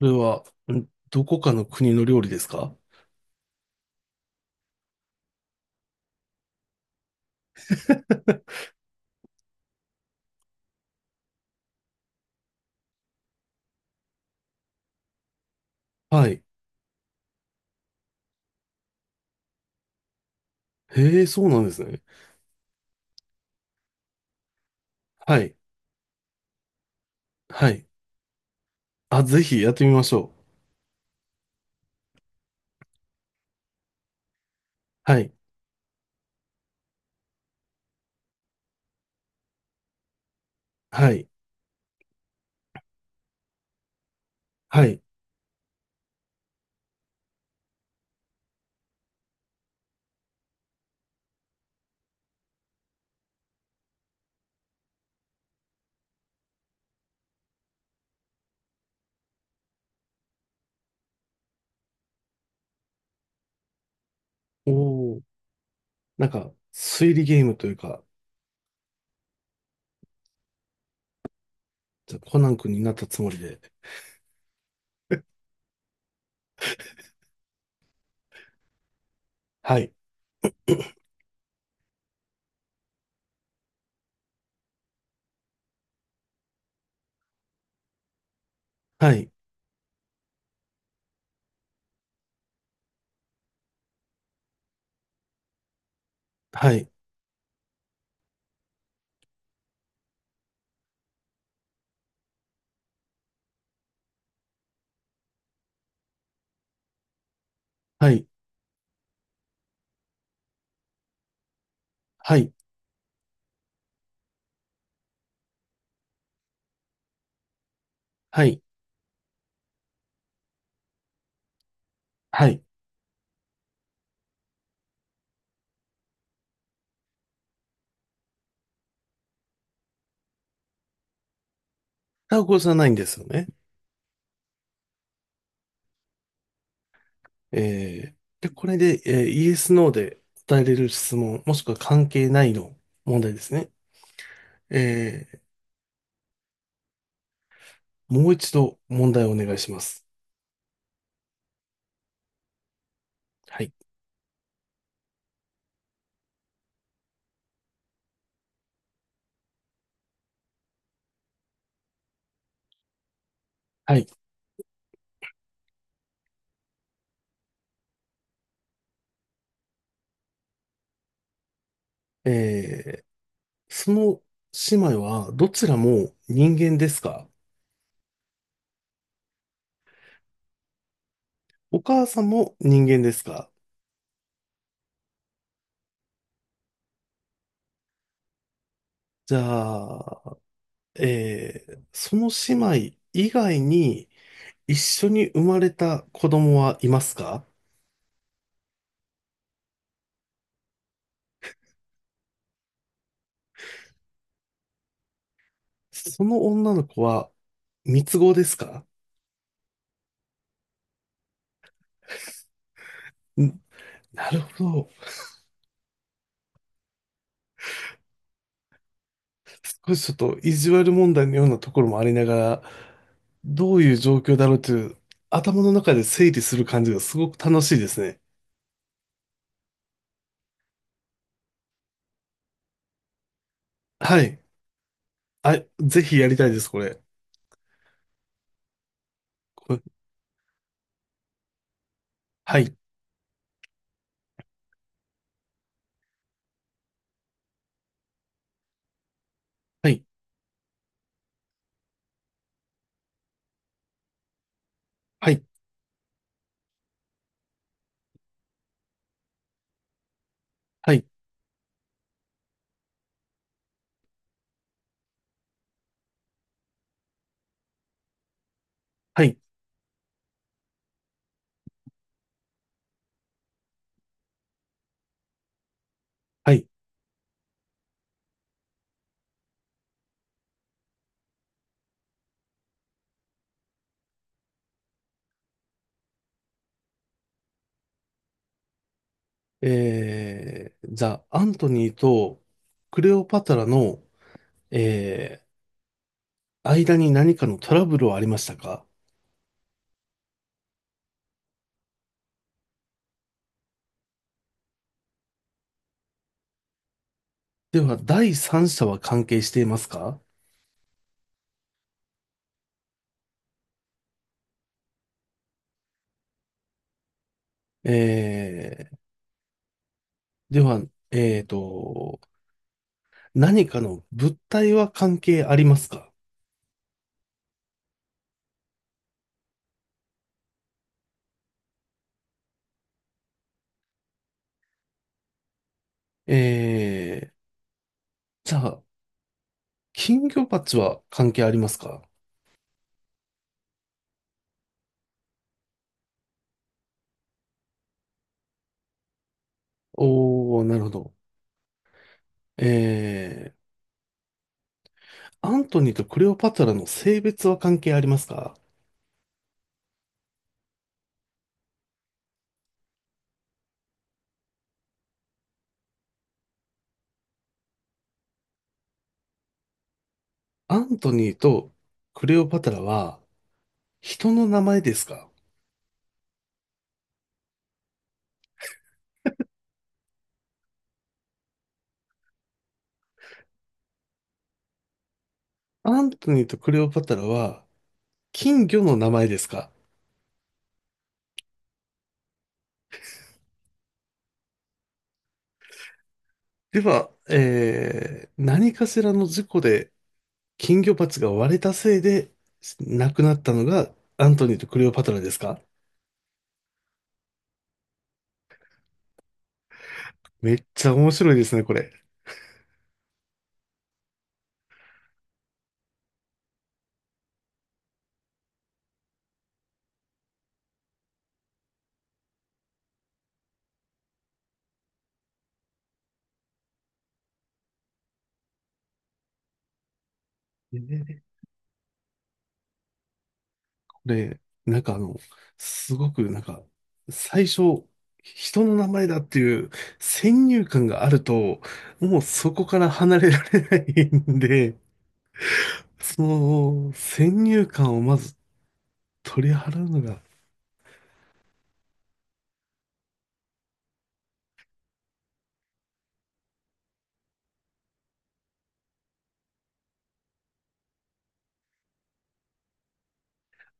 それは、どこかの国の料理ですか？ はい。へえ、そうなんですね。はい。はい。あ、ぜひやってみましょう。はい。はい。はい。おー。なんか、推理ゲームというか。じゃあコナン君になったつもりで。はい。はい。はい。はい。はい。はい。はい。タコじゃないんですよね。えで、これで、イエス、ノーで答えれる質問、もしくは関係ないの問題ですね。えもう一度問題をお願いします。はい。はい。えー、その姉妹はどちらも人間ですか？お母さんも人間ですか？じゃあ、その姉妹以外に一緒に生まれた子供はいますか？その女の子は三つ子ですか？んなるほど。少しちょっと意地悪問題のようなところもありながら、どういう状況だろうという頭の中で整理する感じがすごく楽しいですね。はい。あ、ぜひやりたいです、これ。これ、はい、はい、はい、はい、はい、はい。じゃあ、アントニーとクレオパトラの、え間に何かのトラブルはありましたか？では、第三者は関係していますか？えでは、えーと、何かの物体は関係ありますか？えー、じゃあ、金魚鉢は関係ありますか？おー、なるほど。えーアントニーとクレオパトラの性別は関係ありますか？アントニーとクレオパトラは人の名前ですか？アントニーとクレオパトラは金魚の名前ですか？では、何かしらの事故で金魚鉢が割れたせいで亡くなったのがアントニーとクレオパトラですか？めっちゃ面白いですね、これ。えで、なんかすごくなんか、最初、人の名前だっていう先入観があると、もうそこから離れられないんで、その先入観をまず取り払うのが、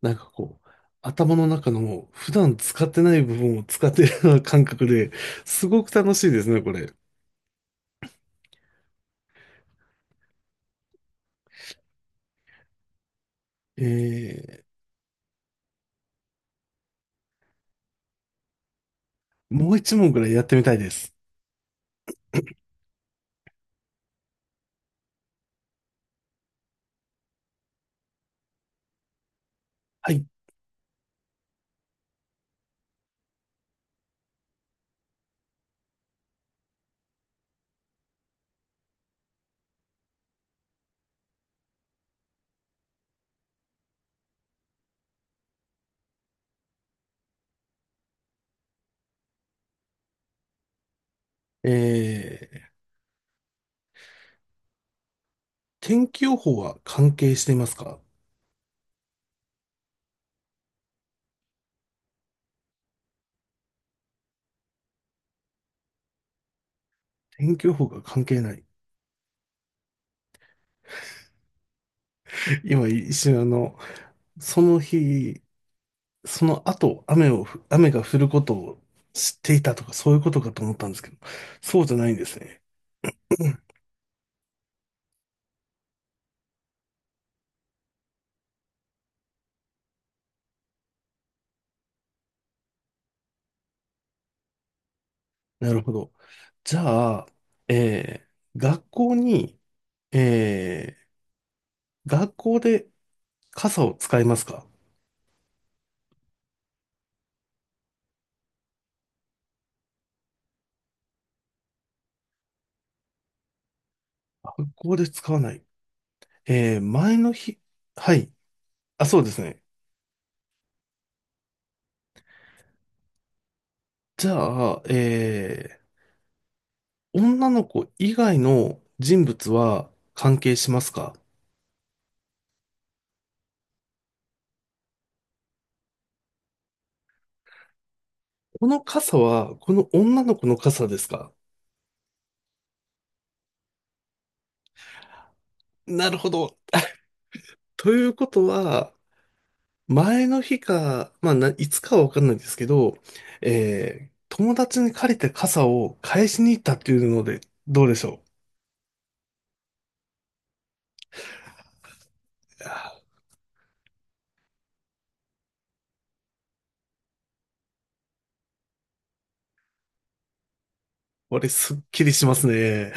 なんかこう、頭の中の普段使ってない部分を使ってるような感覚で、すごく楽しいですね、これ。えもう一問ぐらいやってみたいです。はい。えー、天気予報は関係していますか？天気予報が関係ない。今一瞬その日、その後、雨をふ、雨が降ることを知っていたとか、そういうことかと思ったんですけど、そうじゃないんですね。うん、なるほど。じゃあ、えー学校に、え学校で傘を使いますか？学校で使わない。前の日、はい。あ、そうですね。じゃあ、女の子以外の人物は関係しますか？この傘は、この女の子の傘ですか？なるほど。ということは、前の日か、まあ、いつかはわかんないですけど、友達に借りた傘を返しに行ったっていうので、どうでしょう。いやー、これすっきりしますね。